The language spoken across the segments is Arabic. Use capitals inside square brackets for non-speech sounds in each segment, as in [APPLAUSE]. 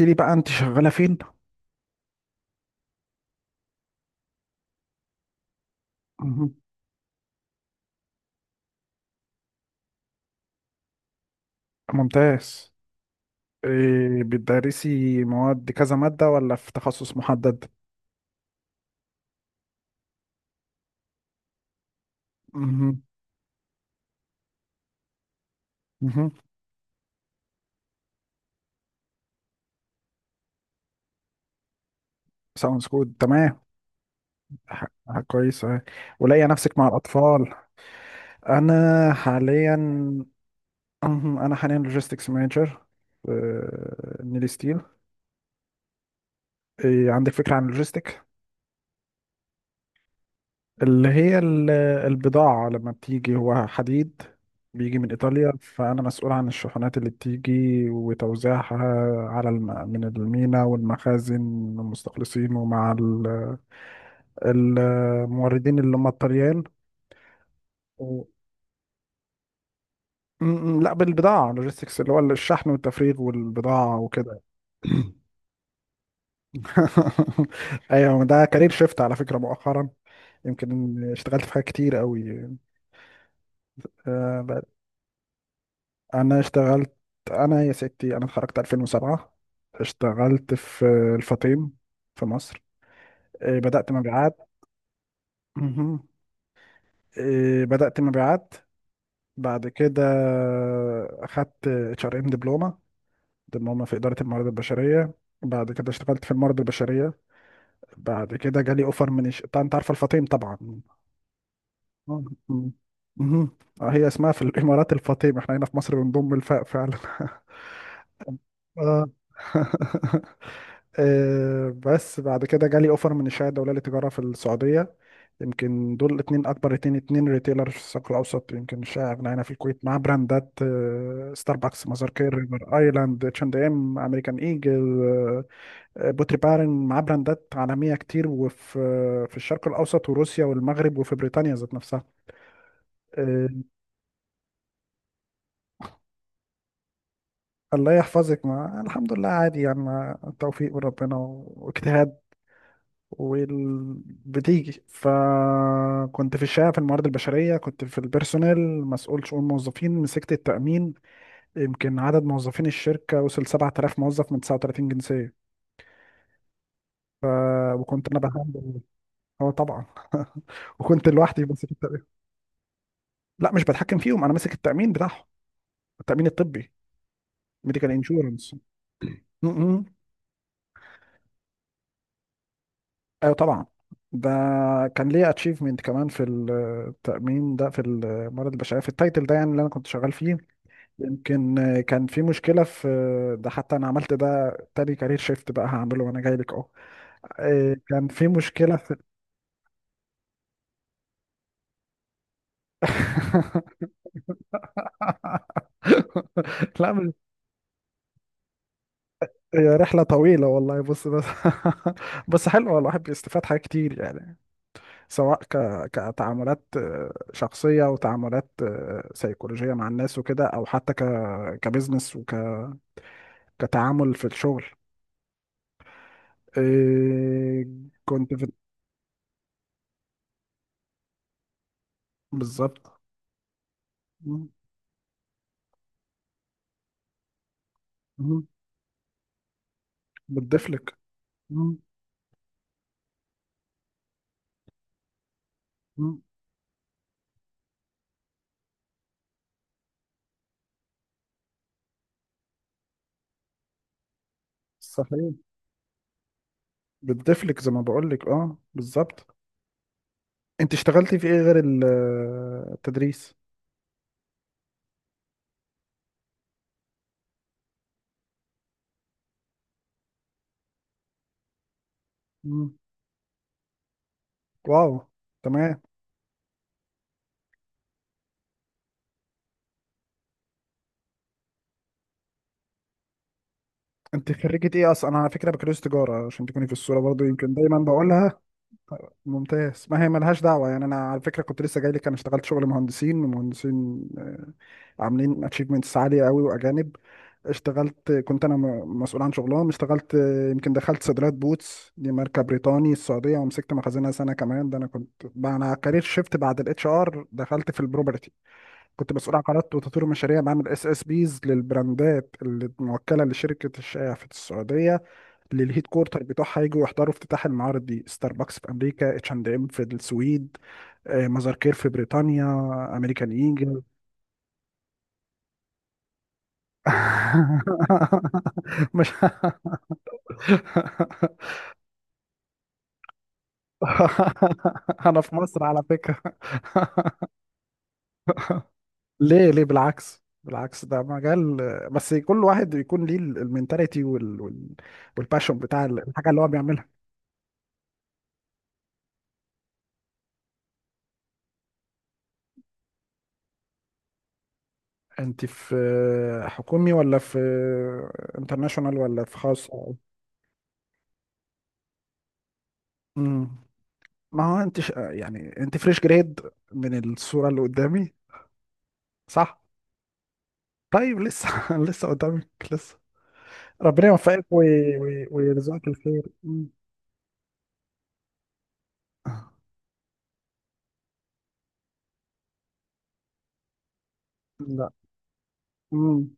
قلت لي بقى انت شغاله فين؟ مهم. ممتاز. إيه بتدرسي مواد كذا ماده ولا في تخصص محدد؟ مهم. امم ساوندز جود، تمام. كويس أهي. ولاقيه نفسك مع الاطفال. انا حاليا، مهم، انا حاليا لوجيستكس مانجر في نيلي ستيل. إيه عندك فكره عن اللوجيستكس؟ اللي هي ال- البضاعة لما بتيجي هو حديد، بيجي من إيطاليا، فأنا مسؤول عن الشحنات اللي بتيجي وتوزيعها من المينا والمخازن، المستخلصين، ومع الموردين اللي هم الطليان. و... م- لا، بالبضاعة، لوجيستكس اللي هو الشحن والتفريغ والبضاعة وكده. [LAUGHS] أيوة، ده كارير شيفت على فكرة مؤخرا. يمكن اشتغلت في حاجات كتير قوي. انا اشتغلت انا يا ستي، انا اتخرجت 2007، اشتغلت في الفطيم في مصر. بدأت مبيعات. مهم. بدأت مبيعات. بعد كده اخدت اتش ار ام دبلومه، دبلومه في اداره الموارد البشريه. بعد كده اشتغلت في الموارد البشريه. بعد كده جالي اوفر من انت عارفه الفطيم طبعا. آه، مم. مهم. هي اسمها في الامارات الفطيم، احنا هنا في مصر بنضم الفاء فعلا. [LAUGHS] اه [LAUGHS] بس بعد كده جالي اوفر من الشهاده الدوليه للتجاره في السعوديه. يمكن دول الاثنين اكبر اتنين ريتيلر في الشرق الاوسط، يمكن مش اغنى هنا في الكويت، مع براندات، ستاربكس، مازار كير، ريفر ايلاند، اتش اند ام، امريكان ايجل، بوتري بارن، مع براندات عالميه كتير، وفي آه، في الشرق الاوسط وروسيا والمغرب وفي بريطانيا ذات نفسها. آه، الله يحفظك، ما الحمد لله عادي يعني، التوفيق من ربنا واجتهاد. وبتيجي، فكنت في الشقه في الموارد البشريه، كنت في البيرسونيل، مسؤول شؤون موظفين، مسكت التامين. يمكن عدد موظفين الشركه وصل 7000 موظف من 39 جنسيه. ف... وكنت انا بهندل. اه طبعا. [LAUGHS] وكنت لوحدي ماسك التامين. لا مش بتحكم فيهم، انا ماسك التامين بتاعهم، التامين الطبي، ميديكال انشورنس. ايوه طبعا. ده كان ليا اتشيفمنت كمان في التامين ده، في الموارد البشريه، في التايتل ده يعني اللي انا كنت شغال فيه. يمكن كان في مشكلة في، ده حتى أنا عملت ده، تاني كارير شيفت بقى هعمله وأنا جاي لك أهو. كان في مشكلة في. [LAUGHS] لا مش هي رحلة طويلة والله، بص بس. [LAUGHS] بس حلوة، الواحد بيستفاد حاجات كتير يعني، سواء كتعاملات شخصية، وتعاملات سيكولوجية مع الناس وكده، أو حتى كبزنس، كتعامل في الشغل. إيه... كنت في، بالظبط، بتضيفلك. مم، مم، صحيح، بتضيفلك زي ما بقولك، اه بالظبط. انت اشتغلتي في ايه غير التدريس؟ مم. واو، تمام. انت خريجة ايه اصلا؟ انا على فكرة بكالوريوس تجارة، عشان تكوني في الصورة برضو، يمكن دايما بقولها. ممتاز. ما هي ملهاش دعوة يعني، أنا على فكرة كنت لسه جاي لك. أنا اشتغلت شغل مهندسين، ومهندسين عاملين أتشيفمنتس عالية قوي وأجانب. اشتغلت، كنت أنا مسؤول عن شغلهم. اشتغلت، يمكن دخلت صيدليات بوتس، دي ماركة بريطاني السعودية، ومسكت مخازنها سنة كمان. ده أنا كنت بقى، أنا كارير شيفت بعد الاتش ار دخلت في البروبرتي، كنت مسؤول عن قرارات وتطوير المشاريع، بعمل اس اس بيز للبراندات الموكلة لشركة الشايع في السعودية. للهيد كورتر بتوعها، يجوا يحضروا افتتاح المعارض دي، ستاربكس في امريكا، اتش اند ام في السويد، مزار كير في بريطانيا، امريكان ايجل. [LAUGHS] مش [LAUGHS] انا في مصر على فكرة. [LAUGHS] ليه بالعكس، بالعكس، ده مجال، بس كل واحد بيكون ليه المينتاليتي، والباشون بتاع الحاجة اللي هو بيعملها. انت في حكومي ولا في انترناشونال ولا في خاص؟ امم. ما هو انت يعني انت فريش جريد من الصورة اللي قدامي، صح؟ طيب، لسه [LAUGHS] لسه قدامك لسه، ربنا يوفقك ويرزقك الخير. مم. لا. مم.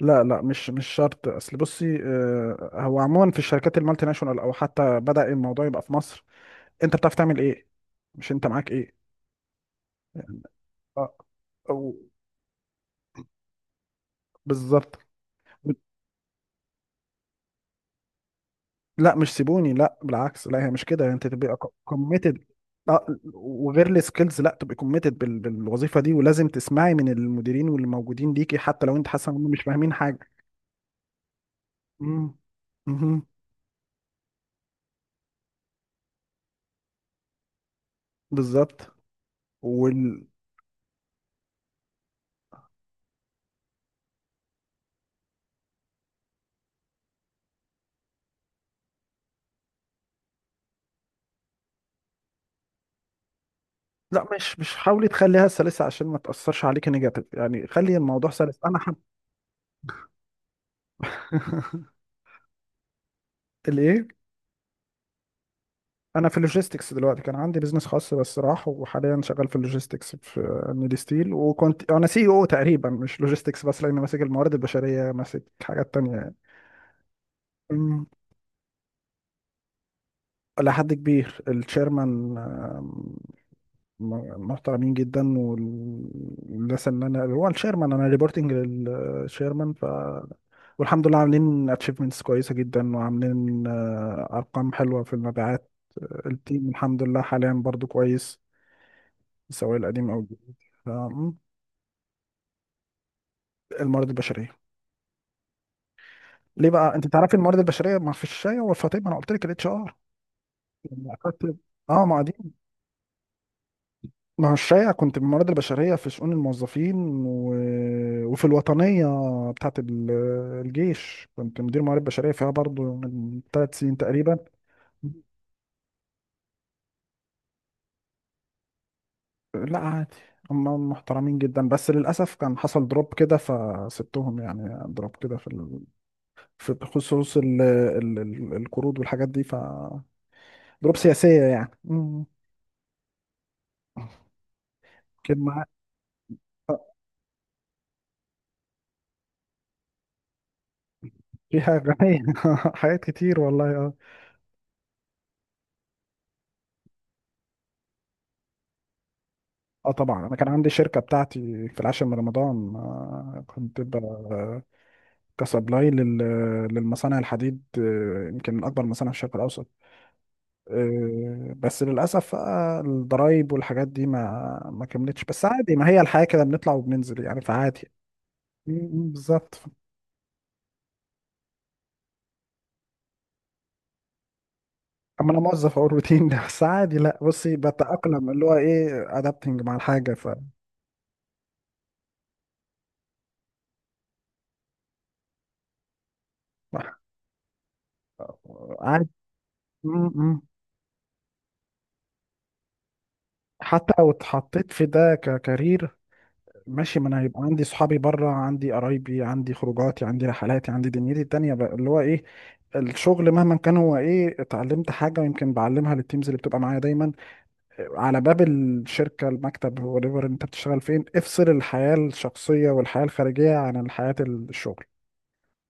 لا، مش شرط. اصل بصي، هو عموما في الشركات المالتي ناشونال، او حتى بدأ الموضوع يبقى في مصر، انت بتعرف تعمل ايه؟ مش انت معاك ايه؟ يعني، اه، أو- بالظبط. لا مش سيبوني، لا بالعكس، لا هي مش كده، انت تبقى كوميتد. لا، وغير السكيلز، لا تبقى كوميتد بالوظيفه دي، ولازم تسمعي من المديرين واللي موجودين ليكي، حتى لو انت حاسه انهم مش فاهمين حاجه. امم. امم. بالظبط. وال، لا مش حاولي تخليها سلسه عشان ما تاثرش عليكي نيجاتيف، يعني خلي الموضوع سلس. انا حب [LAUGHS] الايه؟ انا في اللوجيستكس دلوقتي. كان عندي بزنس خاص بس راح، وحاليا شغال في اللوجيستكس في نيدي ستيل، وكنت انا سي او تقريبا، مش لوجيستكس بس، لاني ماسك الموارد البشريه، ماسك حاجات تانية يعني. أمم. إلى حد كبير، التشيرمان محترمين جدا، والناس اللي انا، هو التشيرمان، انا ريبورتنج للتشيرمان، ف، والحمد لله عاملين اتشيفمنتس كويسه جدا، وعاملين ارقام حلوه في المبيعات. التيم الحمد لله حاليا برضو كويس، سواء القديم او الجديد. مم. الموارد البشريه. ليه بقى؟ انت تعرفي الموارد البشريه، ما في الشايع والفطيب، ما انا قلت لك الاتش ار. لما اخدت، اه ما دي، ما هو الشايع كنت بالموارد البشريه في شؤون الموظفين، و... وفي الوطنيه بتاعت الجيش، كنت مدير موارد بشريه فيها برضو من ثلاث سنين تقريبا. لا عادي، هم محترمين جدا، بس للاسف كان حصل دروب كده فسبتهم يعني، دروب كده في في خصوص القروض والحاجات دي، ف ضروب سياسية يعني. مم. كان معاه، آه، فيها غنية. [LAUGHS] حاجات كتير والله، اه. اه طبعا، انا كان عندي شركة بتاعتي في العاشر من رمضان، كسبلاي للمصانع الحديد، يمكن من اكبر مصانع في الشرق الاوسط. بس للاسف بقى الضرايب والحاجات دي ما كملتش، بس عادي، ما هي الحياة كده، بنطلع وبننزل يعني، فعادي. بالظبط. اما انا موظف، اقول روتين ده بس عادي، لا بصي، بتأقلم اللي هو ايه، ادابتنج مع الحاجة، ف عادي. م- م. حتى لو اتحطيت في ده ككارير، ماشي، ما انا هيبقى عندي صحابي بره، عندي قرايبي، عندي خروجاتي، عندي رحلاتي، عندي دنيتي التانية بقى، اللي هو ايه الشغل. مهما كان، هو ايه، اتعلمت حاجة ويمكن بعلمها للتيمز اللي بتبقى معايا دايما. على باب الشركة، المكتب، وريفر انت بتشتغل فين، افصل الحياة الشخصية والحياة الخارجية عن حياة الشغل،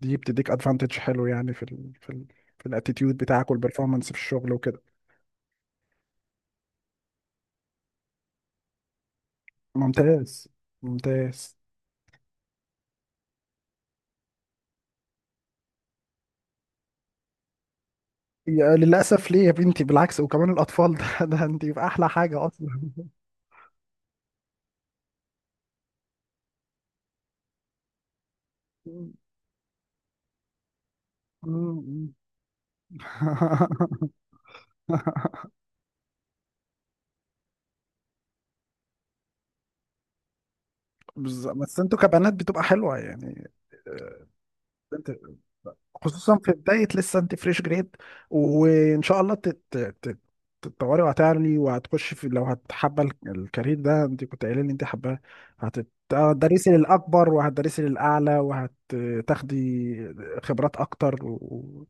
دي بتديك ادفانتج حلو يعني، في الاتيتيود بتاعك والبرفورمانس في الشغل وكده. ممتاز ممتاز. يا للأسف، ليه يا بنتي؟ بالعكس، وكمان الأطفال، [LAUGHS] ده أنت في أحلى حاجة أصلا. مم. مم. [LAUGHS] بالظبط، بس أنتوا كبنات بتبقى حلوة يعني. آه، أنت، خصوصا في بداية، لسه أنت فريش جريد، وإن شاء الله تت... تتطوري، وهتعلي، وهتخش في، لو هتحب الكارير ده، أنت كنت قايلة لي أنت حباه، هتدرسي للأكبر، وهتدرسي للأعلى، وهتاخدي خبرات أكتر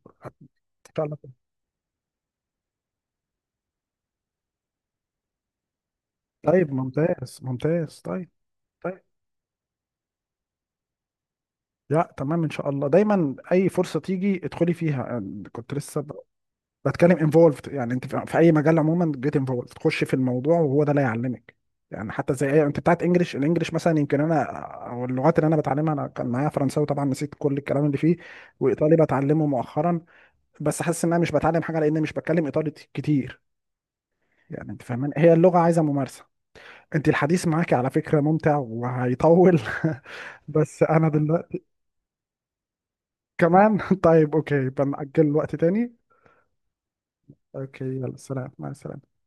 إن شاء الله. طيب، ممتاز ممتاز، طيب. طيب لا تمام، ان شاء الله دايما اي فرصه تيجي ادخلي فيها. أنا كنت لسه بتكلم انفولفد يعني، انت في في اي مجال عموما، جيت انفولفد، تخش في الموضوع، وهو ده اللي هيعلمك يعني. حتى زي انت بتاعت انجلش، الانجليش مثلا يمكن انا، او اللغات اللي انا بتعلمها، انا كان معايا فرنساوي طبعا، نسيت كل الكلام اللي فيه. وايطالي بتعلمه مؤخرا، بس حاسس ان انا مش بتعلم حاجه، لان مش بتكلم ايطالي كتير يعني، انت فاهمان، هي اللغه عايزه ممارسه. انت الحديث معاكي على فكرة ممتع وهيطول. [LAUGHS] بس انا دلوقتي كمان. [LAUGHS] طيب اوكي، بنأجل الوقت تاني. اوكي، يلا سلام، مع السلامة.